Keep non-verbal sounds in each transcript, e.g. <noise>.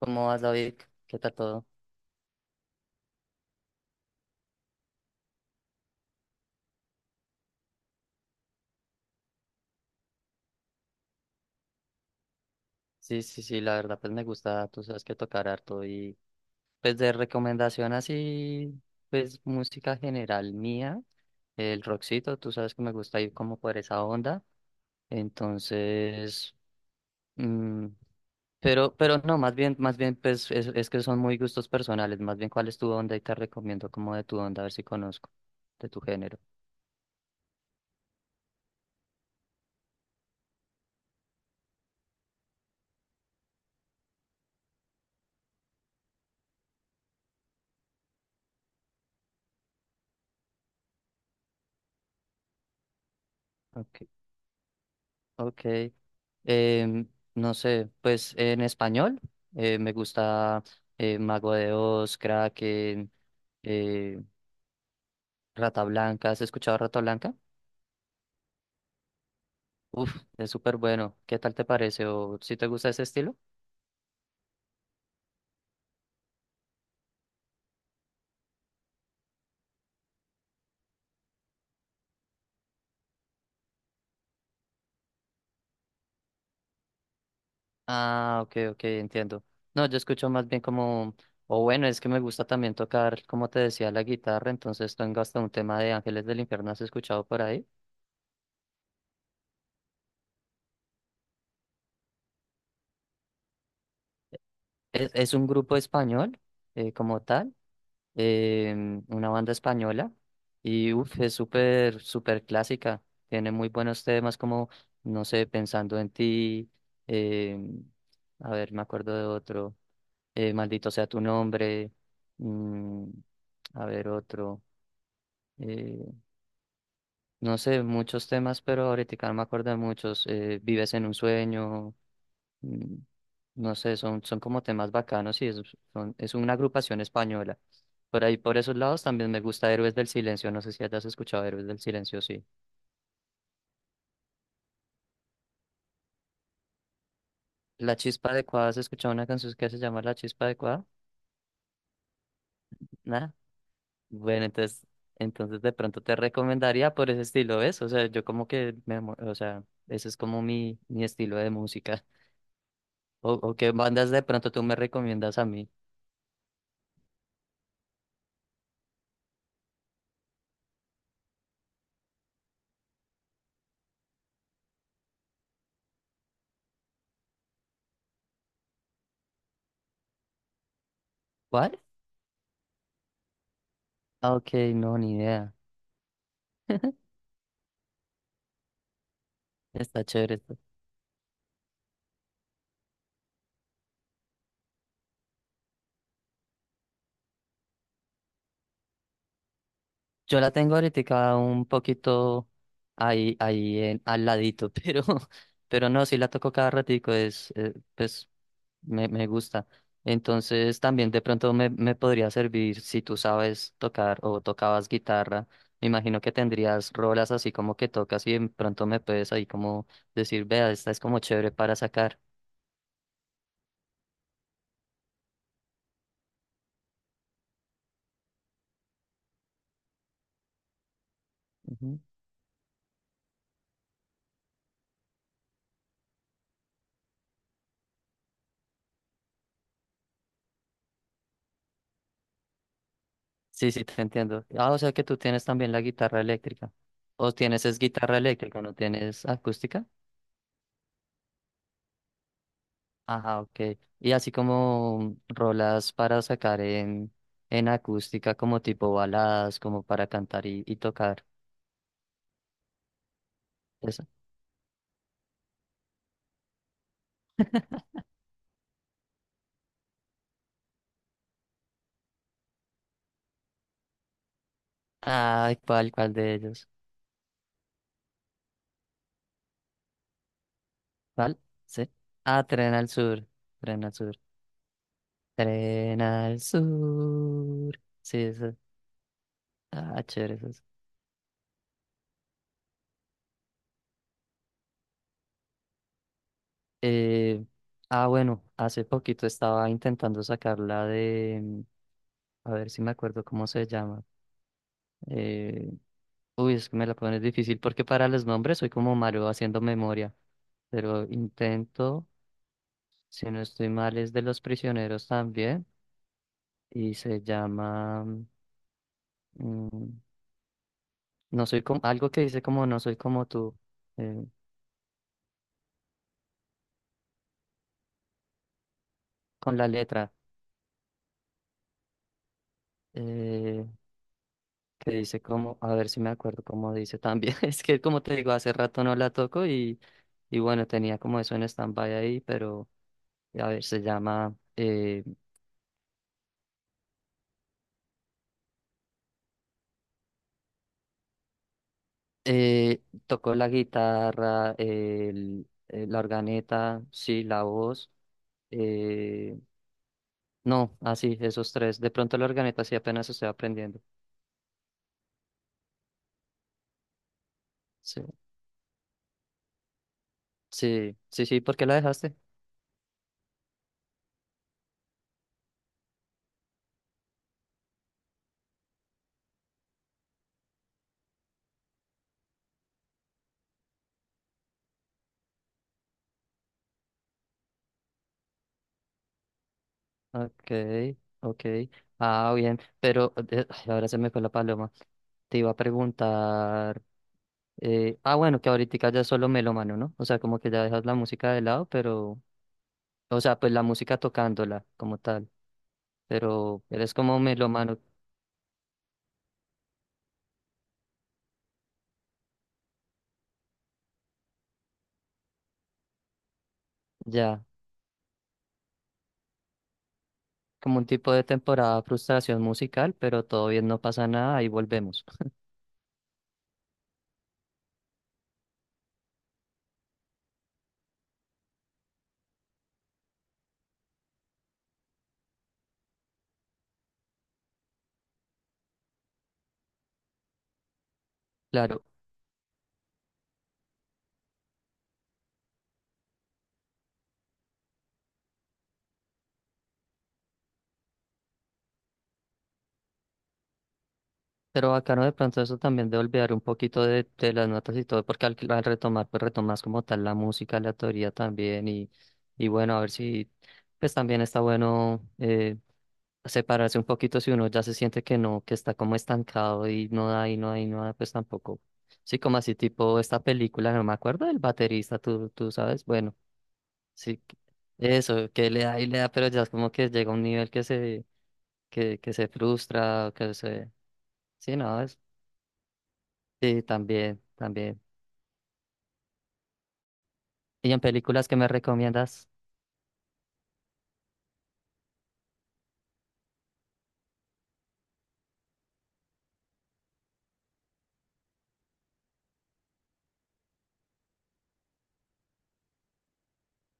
¿Cómo vas, David? ¿Qué tal todo? Sí, sí, sí, la verdad, pues me gusta, tú sabes que tocar harto y pues de recomendación así, pues música general mía, el rockcito, tú sabes que me gusta ir como por esa onda, entonces, mm, pero no, más bien, pues es que son muy gustos personales, más bien cuál es tu onda y te recomiendo como de tu onda, a ver si conozco, de tu género. Ok, ok. Em, no sé, pues en español me gusta Mago de Oz, Kraken, eh, Rata Blanca. ¿Has escuchado Rata Blanca? Uf, es súper bueno. ¿Qué tal te parece? ¿O si te gusta ese estilo? Ah, ok, ok, entiendo. No, yo escucho más bien como, o bueno, es que me gusta también tocar, como te decía, la guitarra. Entonces tengo hasta un tema de Ángeles del Infierno. ¿Has escuchado por ahí? Es un grupo español como tal, una banda española y uf, es súper, súper clásica. Tiene muy buenos temas como, no sé, Pensando en ti, em, a ver, me acuerdo de otro, Maldito sea tu nombre, mm, a ver otro, eh, no sé, muchos temas, pero ahorita no me acuerdo de muchos, Vives en un sueño. Mm. No sé, son como temas bacanos y es una agrupación española. Por ahí, por esos lados, también me gusta Héroes del Silencio. No sé si hayas escuchado Héroes del Silencio, sí. La Chispa Adecuada, ¿has escuchado una canción que se llama La Chispa Adecuada? Nada. Bueno, entonces, entonces de pronto te recomendaría por ese estilo, ¿ves? O sea, yo como que, o sea, ese es como mi estilo de música. O qué bandas de pronto tú me recomiendas a mí. ¿Cuál? Ah, ok, no, ni idea. <laughs> Está chévere. Yo la tengo ahorita un poquito ahí, al ladito, <laughs> pero no, sí la toco cada ratico, es, pues me gusta. Entonces también de pronto me podría servir si tú sabes tocar o tocabas guitarra. Me imagino que tendrías rolas así como que tocas y de pronto me puedes ahí como decir, vea, esta es como chévere para sacar. Ujú. Sí, sí, te entiendo. Ah, o sea que tú tienes también la guitarra eléctrica. O tienes es guitarra eléctrica, no tienes acústica. Ajá, ok. Y así como rolas para sacar en acústica, como tipo baladas, como para cantar y tocar. Eso. Ay, ¿cuál, cuál de ellos? ¿Cuál? Sí. Ah, Tren al Sur. Tren al Sur. Tren al Sur. Sí, eso. Ah, chévere, esas. Eh, bueno, hace poquito estaba intentando sacar la de. A ver si me acuerdo cómo se llama. Eh, uy, es que me la pones difícil porque para los nombres soy como malo haciendo memoria, pero intento, si no estoy mal, es de los prisioneros también y se llama, mm, no soy como, algo que dice como no soy como tú, eh, con la letra, eh, que dice como, a ver si me acuerdo cómo dice también, <laughs> es que como te digo, hace rato no la toco y bueno, tenía como eso en stand-by ahí, pero a ver, se llama... tocó la guitarra, la organeta, sí, la voz. eh, no, así, esos tres. De pronto la organeta sí apenas estoy aprendiendo. Sí, sí, sí, sí, ¿por qué la dejaste? Ok, ok. Ah, bien, pero ay, ahora se me fue la paloma. Te iba a preguntar. Bueno, que ahorita ya es solo melómano, ¿no? O sea, como que ya dejas la música de lado, pero. O sea, pues la música tocándola como tal. Pero eres como melómano. Ya, como un tipo de temporada frustración musical, pero todo bien, no pasa nada, ahí volvemos. Claro, pero bacano de pronto eso también de olvidar un poquito de las notas y todo, porque al retomar, pues retomas como tal la música, la teoría también, y bueno, a ver si, pues también está bueno separarse un poquito si uno ya se siente que no, que está como estancado y no da, y no da, y no da, pues tampoco. Sí, como así tipo esta película, no me acuerdo del baterista, tú sabes, bueno. Sí, eso, que le da y le da, pero ya es como que llega a un nivel que se, que se frustra, que se... Sí, no, es... Sí, también, también. ¿Y en películas que me recomiendas?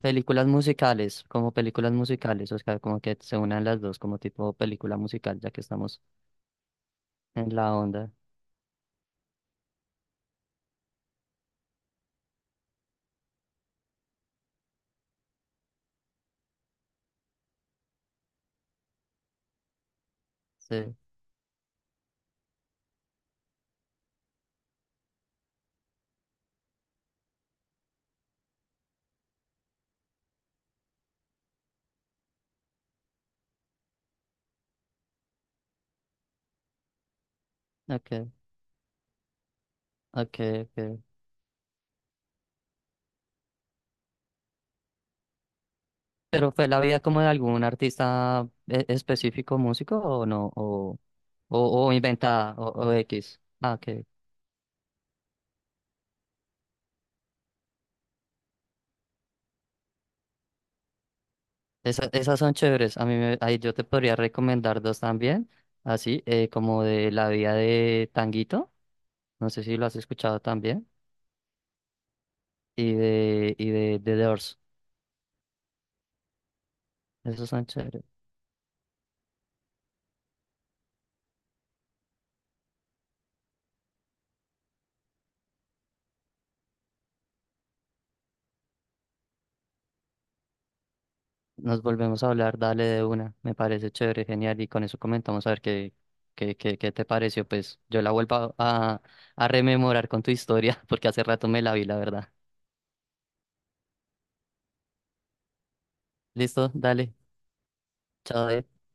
Películas musicales, como películas musicales, o sea, como que se unan las dos, como tipo película musical, ya que estamos en la onda. Sí, ok, ok, ok. ¿Pero fue la vida como de algún artista específico músico o no? O inventada o X? Ah, ok. Esas son chéveres. Ahí yo te podría recomendar dos también. Así, como de La vida de Tanguito. No sé si lo has escuchado también. Y de The Doors. Esos son chéveres. Nos volvemos a hablar, dale de una. Me parece chévere, genial. Y con eso comentamos a ver qué, qué, qué, qué te pareció. Pues yo la vuelvo a rememorar con tu historia, <laughs> porque hace rato me la vi, la verdad. Listo, dale. Chao.